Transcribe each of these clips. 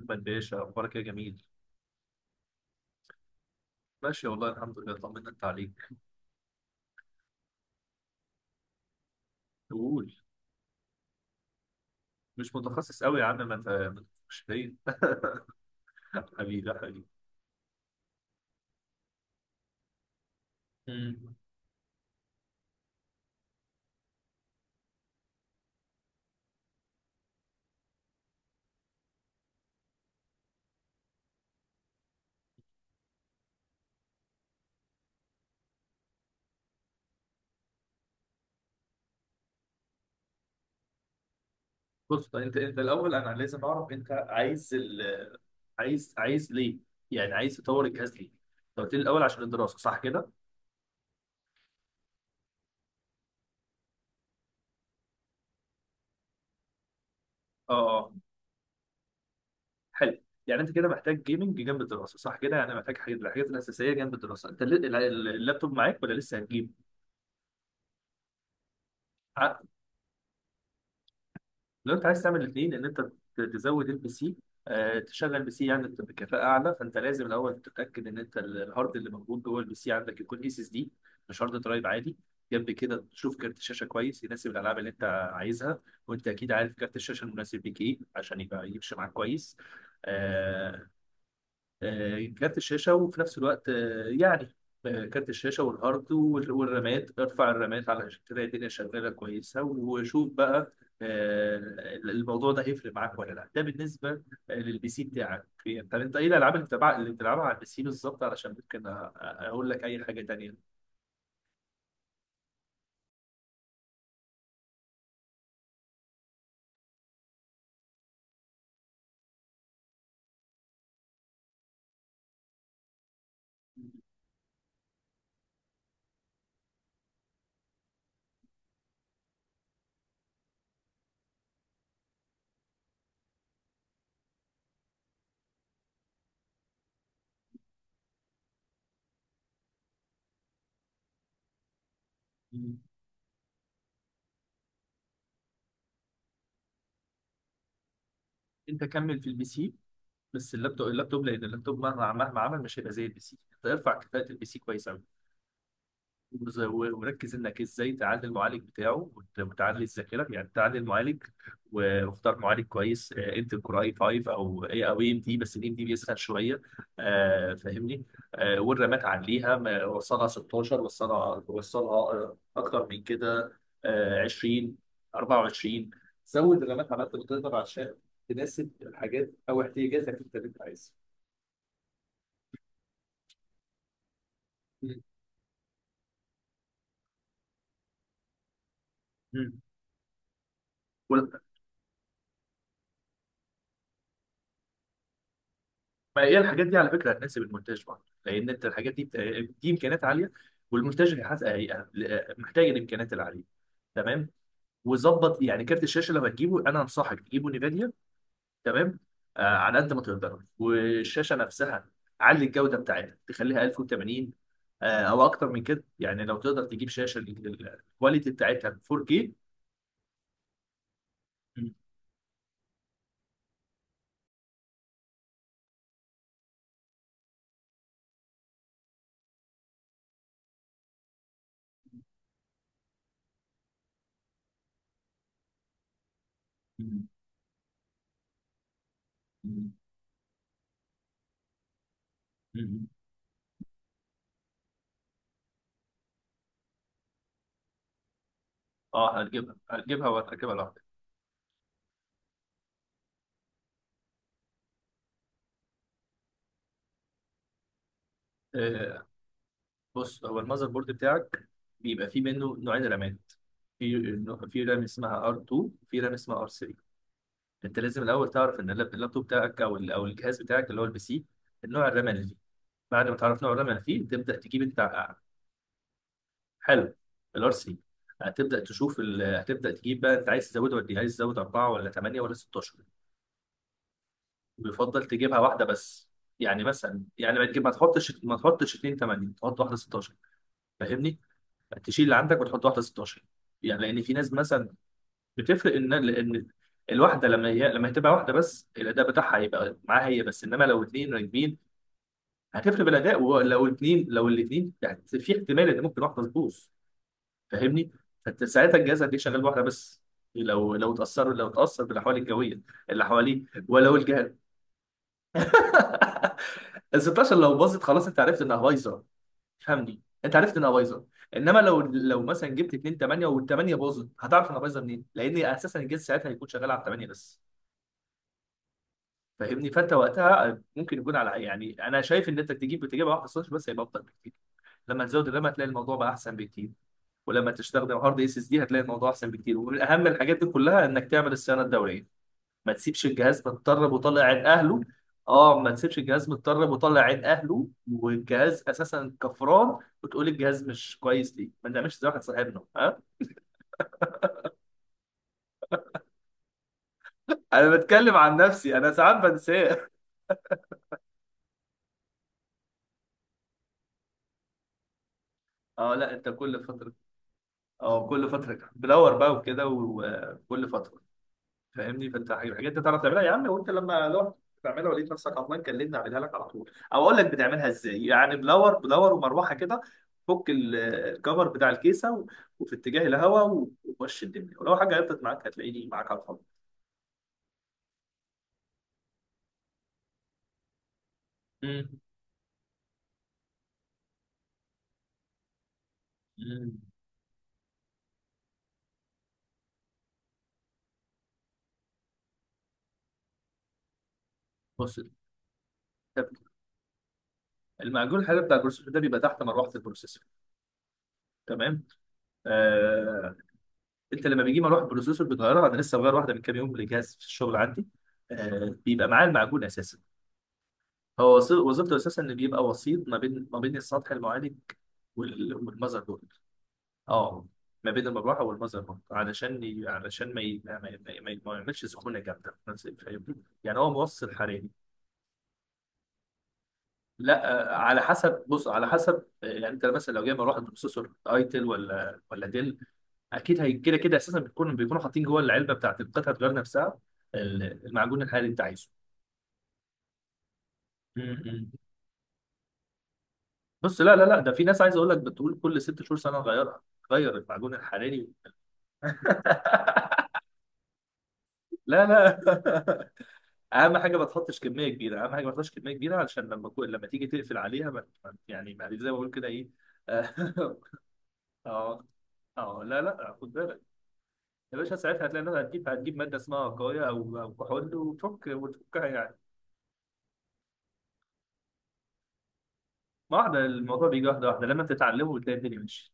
محمد باشا اخبارك إيه يا جميل؟ ماشي والله، الحمد لله، طمنا انت عليك. قول. مش متخصص قوي يا عم، ما انت ما تفكش فيا. حبيبي يا حبيبي. أمم. بص، طيب، انت الاول، انا لازم اعرف انت عايز عايز ليه؟ يعني عايز تطور الجهاز ليه؟ انت قلت لي الاول عشان الدراسه، صح كده؟ اه، اه، حلو. يعني انت كده محتاج جيمنج جنب الدراسه، صح كده؟ يعني محتاج الحاجات الاساسيه جنب الدراسه. انت اللابتوب معاك ولا لسه هتجيب؟ لو انت عايز تعمل الاثنين، ان انت تزود البي سي، تشغل بي سي يعني بكفاءه اعلى، فانت لازم الاول تتاكد ان انت الهارد اللي موجود جوه البي سي عندك يكون اس اس دي، مش هارد درايف عادي. جنب كده تشوف كارت الشاشه كويس، يناسب الالعاب اللي انت عايزها. وانت اكيد عارف كارت الشاشه المناسب ليك ايه، عشان يبقى يمشي معاك كويس. آه، كارت الشاشة وفي نفس الوقت، يعني، كارت الشاشة والهارد والرامات. ارفع الرامات على تلاقي الدنيا شغالة كويسة، وشوف بقى. آه، الموضوع ده هيفرق معاك ولا لا؟ ده بالنسبة للبي سي بتاعك. يعني طب انت ايه الالعاب اللي بتلعبها على البي سي بالظبط، علشان ممكن اقول لك اي حاجة تانية. مم. انت كمل في البي سي، بس اللابتوب لان اللابتوب مهما عمل مش هيبقى زي البي سي. انت ارفع كفاءة البي سي كويس، وركز انك ازاي تعلي المعالج بتاعه، وتعلي الذاكره. يعني تعلي المعالج، واختار معالج كويس، انتل كور اي 5 او اي او ام دي، بس الام دي بيسخن شويه. فاهمني. والرامات عليها وصلها 16، وصلها اكتر من كده. 20، 24، زود الرامات على قد ما تقدر عشان تناسب الحاجات او احتياجاتك انت اللي انت عايزها. مم. ما هي الحاجات دي على فكره هتناسب المونتاج برضه، لان انت الحاجات دي دي امكانيات عاليه، والمونتاج محتاج الامكانيات العاليه. تمام. وظبط، يعني كارت الشاشه لو هتجيبه انا انصحك تجيبه نيفيديا. تمام. آه، على قد ما تقدر. والشاشه نفسها، علي الجوده بتاعتها تخليها 1080، آه او اكتر من كده. يعني لو تقدر تجيب شاشه الكواليتي بتاعتها 4K. م- م- م- م- اه، هتجيبها وهتركبها لوحدك. آه، بص، هو المذر بورد بتاعك بيبقى فيه منه نوعين رامات. في في رام اسمها R2، وفي رام اسمها R3. انت لازم الاول تعرف ان اللابتوب بتاعك او الجهاز بتاعك اللي هو البي سي، النوع الرام اللي فيه. بعد ما تعرف نوع الرام اللي فيه تبدا تجيب انت حلو. الار 3، هتبدا تشوف هتبدا تجيب بقى، انت عايز تزود ولا عايز تزود 4 ولا 8 ولا 16؟ بيفضل تجيبها واحده بس. يعني مثلا، يعني ما تحطش 2 8، تحط واحده 16. فاهمني؟ يعني تشيل اللي عندك وتحط واحده 16. يعني لان في ناس مثلا بتفرق، ان لان الواحده لما هتبقى واحده بس، الاداء بتاعها هيبقى معاها هي بس، انما لو اتنين راكبين هتفرق بالاداء. ولو اتنين، لو الاتنين، يعني في احتمال ان ممكن واحده تبوظ. فاهمني؟ فانت ساعتها الجهاز هتلاقيه شغال بواحده بس، لو اتاثر بالاحوال الجويه اللي حواليه. ولو الجهاز ال 16 لو باظت، خلاص، انت عرفت انها بايظه. فهمني، انت عرفت انها بايظه. انما لو مثلا جبت 2 8، وال 8 باظت، هتعرف انها بايظه منين، لان اساسا الجهاز ساعتها هيكون شغال على 8 بس. فاهمني؟ فانت وقتها ممكن يكون على، يعني انا شايف ان انت تجيب، بتجيبها واحده صفر بس هيبقى افضل بكتير. لما تزود الرام هتلاقي الموضوع بقى احسن بكتير، ولما تستخدم هارد اس اس دي هتلاقي الموضوع احسن بكتير. ومن اهم الحاجات دي كلها انك تعمل الصيانه الدوريه، ما تسيبش الجهاز متطرب وطالع عين اهله. اه، ما تسيبش الجهاز متطرب وطالع عين اهله، والجهاز اساسا كفران. وتقول الجهاز مش كويس ليه؟ ما تعملش زي واحد صاحبنا، ها. انا بتكلم عن نفسي، انا ساعات بنساه. اه، لا، انت كل فتره، اه كل فتره بلور بقى وكده، وكل فتره. فاهمني؟ فانت الحاجات دي تعرف تعملها يا عم، وانت لو تعملها ولقيت نفسك عطلان كلمني اعملها لك على طول، او اقول لك بتعملها ازاي. يعني بلور بلور ومروحه كده، فك الكفر بتاع الكيسه وفي اتجاه الهواء. ومشي الدنيا، ولو حاجه عطلت معاك هتلاقيني معاك على الفاضي. مم. مم. بص، طب، المعجون الحراري بتاع البروسيسور ده بيبقى تحت مروحه البروسيسور. تمام. آه، انت لما بيجي مروحه البروسيسور بتغيرها، انا لسه مغير واحده من كام يوم لجهاز في الشغل عندي. بيبقى معاه المعجون اساسا. هو وظيفته اساسا ان بيبقى وسيط ما بين، السطح المعالج والمذر بورد. اه، ما بين المروحه والمذر بورد علشان ي... علشان ما ي... ما, ما, ما ما يعملش سخونه جامده في فاهمني، يعني هو موصل حراري. لا، على حسب، بص على حسب، يعني انت مثلا لو جاي مروحه بروسيسور ايتل ولا ديل، اكيد هي كده كده اساسا بيكونوا حاطين جوه العلبه بتاعت القطعه الغيار نفسها المعجون الحراري اللي انت عايزه. م- م. بص، لا، لا، لا، ده في ناس، عايز اقول لك، بتقول كل 6 شهور سنه نغيرها، غير المعجون الحراري. لا، لا. اهم حاجه ما تحطش كميه كبيره، اهم حاجه ما تحطش كميه كبيره، علشان لما لما تيجي تقفل عليها يعني ما زي ما بقول كده ايه. اه، اه، لا، لا، خد بالك يا باشا. ساعتها هتلاقي انها هتجيب ماده اسمها وقايه او كحول، وتفكها يعني واحده. الموضوع بيجي واحده واحده، لما بتتعلمه بتلاقي الدنيا ماشيه.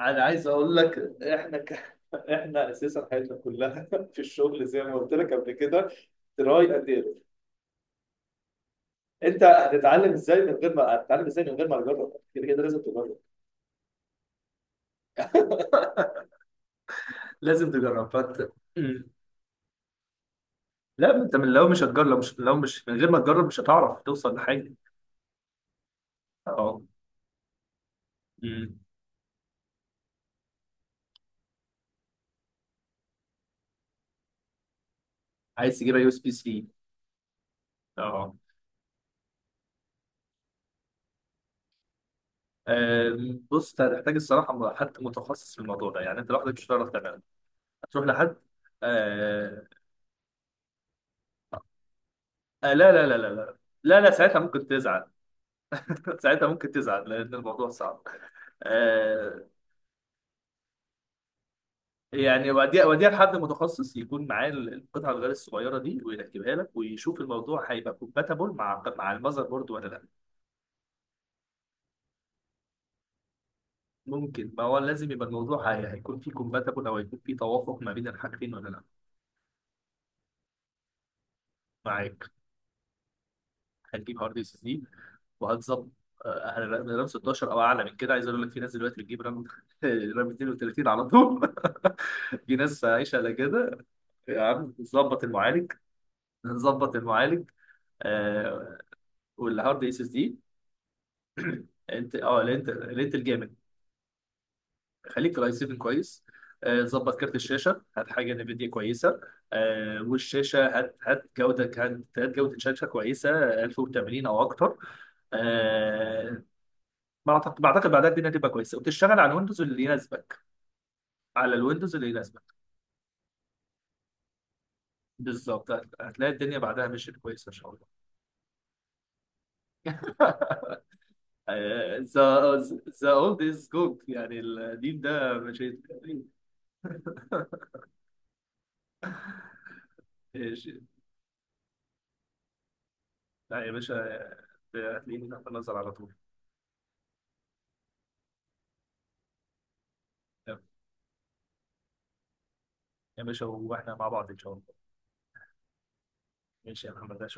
انا عايز اقول لك احنا احنا اساسا حياتنا كلها في الشغل زي ما قلت لك قبل كده، تراي اند ايرور. انت هتتعلم ازاي من غير ما هتتعلم ازاي من غير ما تجرب؟ كده كده لازم تجرب. لازم تجرب، فانت. مم. لا، ما انت من لو مش هتجرب، لو مش من غير ما تجرب، مش هتعرف توصل لحاجه. اه. مم. عايز تجيبها يو اس بي سي. اه. بص انت هتحتاج الصراحه، حد متخصص في الموضوع ده، يعني انت لوحدك مش هتعرف تعملها، هتروح لحد. آه، لا، لا، لا، لا، لا، لا، لا، ساعتها ممكن تزعل. ساعتها ممكن تزعل لأن الموضوع صعب. آه. يعني وديها، وديها لحد متخصص يكون معاه القطعة الغيار الصغيرة دي ويركبها لك، ويشوف الموضوع هيبقى كومباتبل مع المذر بورد ولا لا. ممكن، ما هو لازم يبقى الموضوع هيكون فيه كومباتبل أو هيكون فيه توافق ما بين الحاجتين ولا لا. معاك. هتجيب هارد اس اس دي وهتظبط. رام 16 او اعلى من كده، عايز اقول لك في ناس دلوقتي بتجيب رام رام 32 على طول. في ناس عايشه على كده. يا عم نظبط المعالج، نظبط المعالج. آه، والهارد اس اس دي. انت اه الانت الجامد، خليك الاي 7 كويس. ظبط كارت الشاشه، هات حاجه نفيديا كويسه. آه، والشاشه هات جوده، هات جوده، شاشه كويسه 1080 او اكتر. آه، بعتقد بعدها الدنيا هتبقى كويسه وتشتغل على الويندوز اللي يناسبك، على الويندوز اللي يناسبك. بالظبط، هتلاقي الدنيا بعدها مشيت كويسه ان شاء الله. ذا ذا اولد از جولد، يعني القديم ده مشيت. إيش- لا يا باشا، هتلاقيني تحت النظر على طول. يا باشا واحنا مع بعض ان شاء الله. ماشي يا محمد.